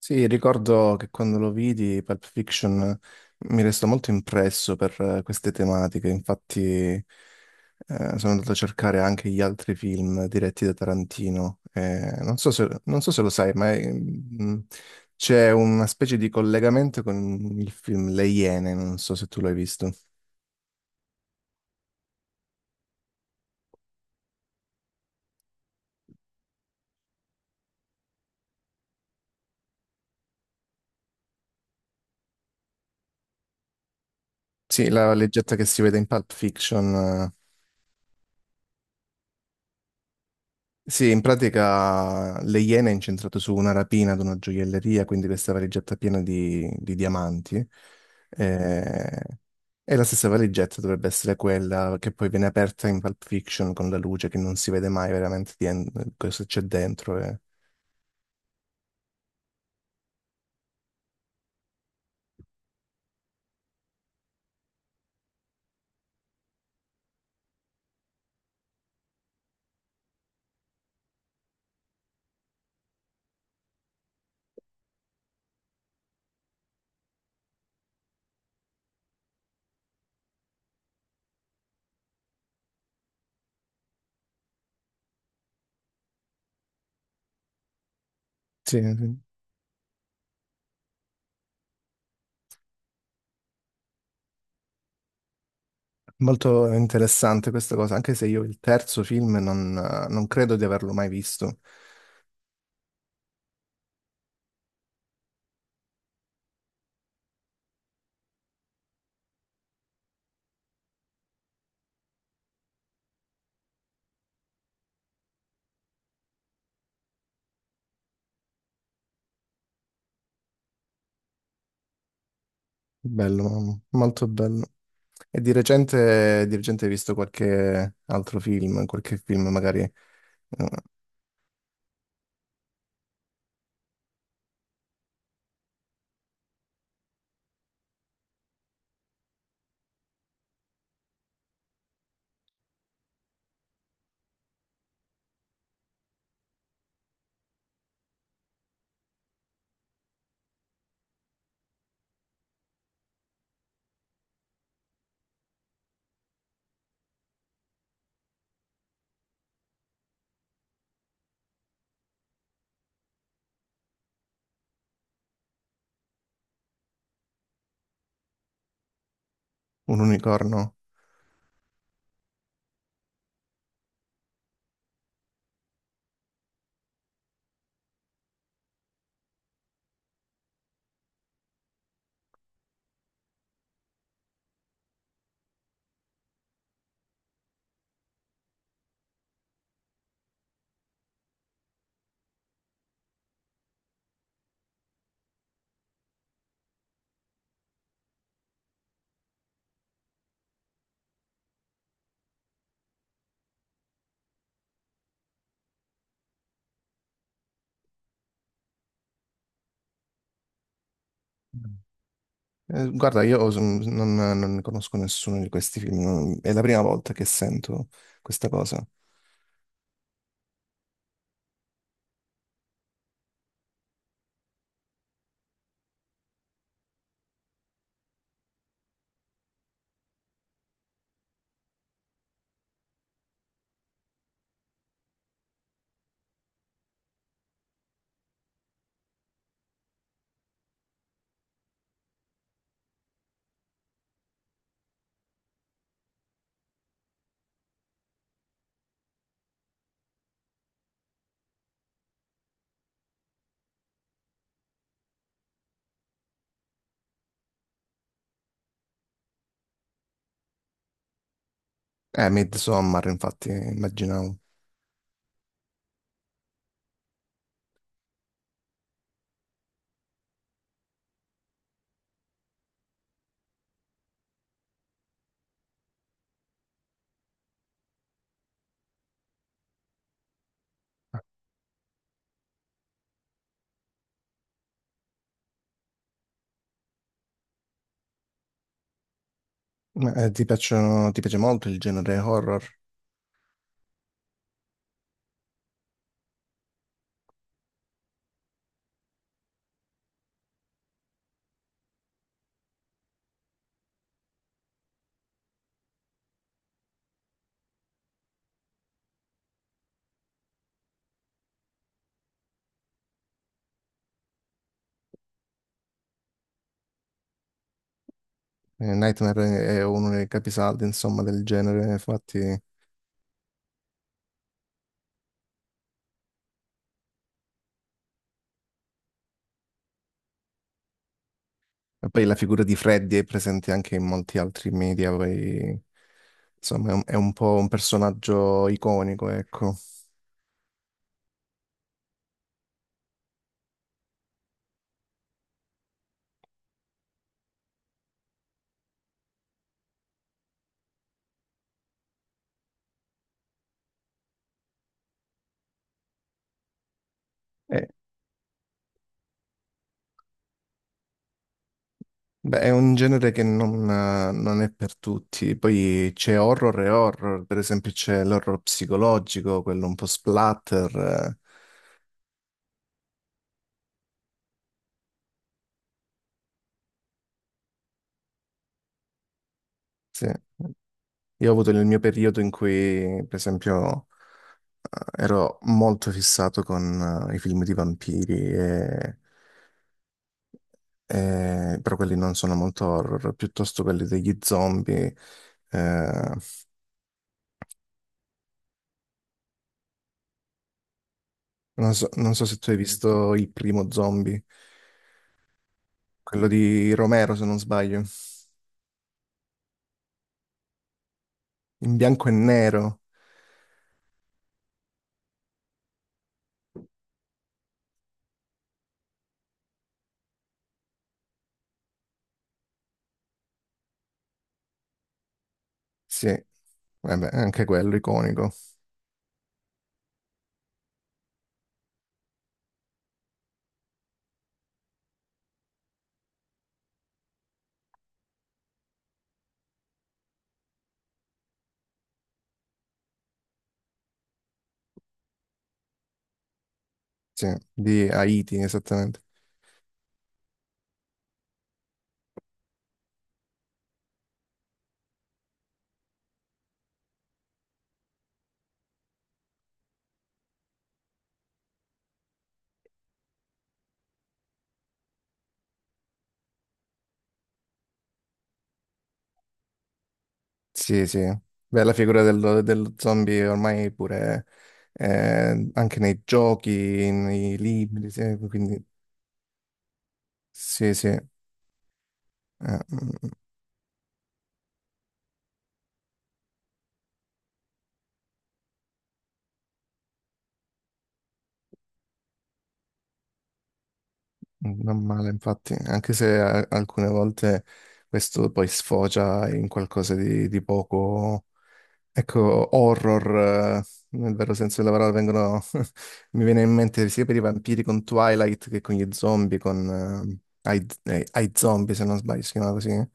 Sì, ricordo che quando lo vidi, Pulp Fiction mi restò molto impresso per queste tematiche. Infatti sono andato a cercare anche gli altri film diretti da Tarantino. Non so se, non so se lo sai, ma c'è una specie di collegamento con il film Le Iene, non so se tu l'hai visto. Sì, la leggetta che si vede in Pulp Fiction. Sì, in pratica Le Iene è incentrato su una rapina ad una gioielleria, quindi questa valigetta piena di diamanti. Eh, E la stessa valigetta dovrebbe essere quella che poi viene aperta in Pulp Fiction, con la luce che non si vede mai veramente di cosa c'è dentro. Sì, sì. Molto interessante questa cosa, anche se io il terzo film non credo di averlo mai visto. Bello, molto bello. E di recente hai visto qualche altro film, qualche film magari un unicorno? Guarda, io non ne conosco nessuno di questi film, è la prima volta che sento questa cosa. Midsommar, infatti, immaginavo. Ma, ti piacciono, ti piace molto il genere horror? Nightmare è uno dei capisaldi, insomma, del genere, infatti. E poi la figura di Freddy è presente anche in molti altri media, poi insomma è è un po' un personaggio iconico, ecco. È, beh, è un genere che non è per tutti. Poi c'è horror e horror, per esempio c'è l'horror psicologico, quello un po' splatter, eh. Sì. Io ho avuto il mio periodo in cui, per esempio, ero molto fissato con i film di vampiri e però quelli non sono molto horror, piuttosto quelli degli zombie. Eh, non so, non so se tu hai visto il primo zombie, quello di Romero, se non sbaglio, in bianco e nero. Sì, vabbè, anche quello iconico. Sì, di Haiti, esattamente. Sì, sì. Beh, la figura dello, dello zombie ormai pure anche nei giochi, nei libri, sì, quindi sì, sì. Mm. Non male, infatti, anche se alcune volte questo poi sfocia in qualcosa di poco, ecco, horror, nel vero senso della parola, vengono, mi viene in mente sia per i vampiri con Twilight che con gli zombie, con I, I Zombie, se non sbaglio, si chiama così.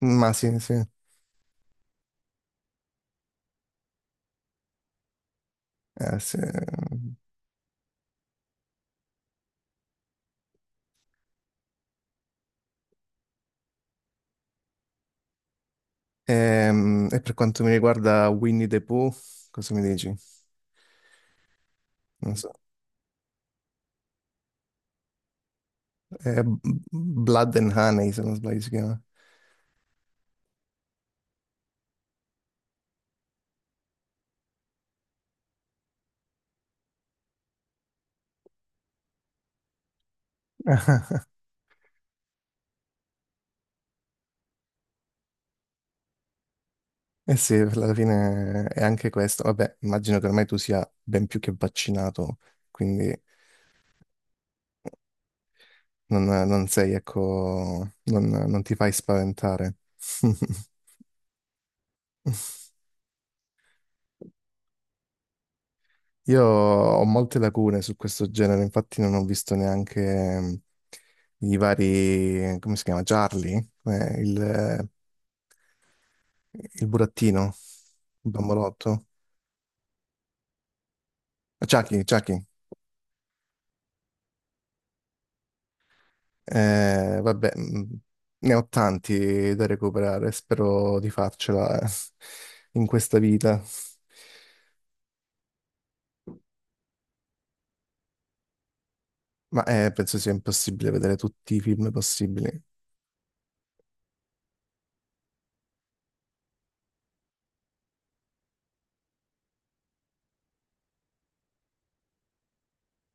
Ma sì, sì. Eh, sì. E, per quanto mi riguarda Winnie the Pooh, cosa mi dici? Non so, è Blood and Honey, se non sbaglio si chiama. Eh sì, alla fine è anche questo. Vabbè, immagino che ormai tu sia ben più che vaccinato, quindi non sei, ecco, non ti fai spaventare. Io ho molte lacune su questo genere, infatti non ho visto neanche i vari, come si chiama? Charlie? Eh, il, eh, il burattino, il bambolotto. Chucky, Chucky. Vabbè, ne ho tanti da recuperare, spero di farcela in questa vita, ma penso sia impossibile vedere tutti i film possibili.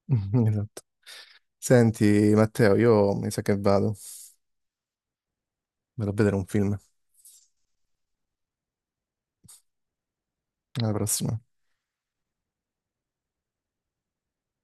Esatto. Senti, Matteo, io mi sa che vado, vado a vedere un film. Alla prossima.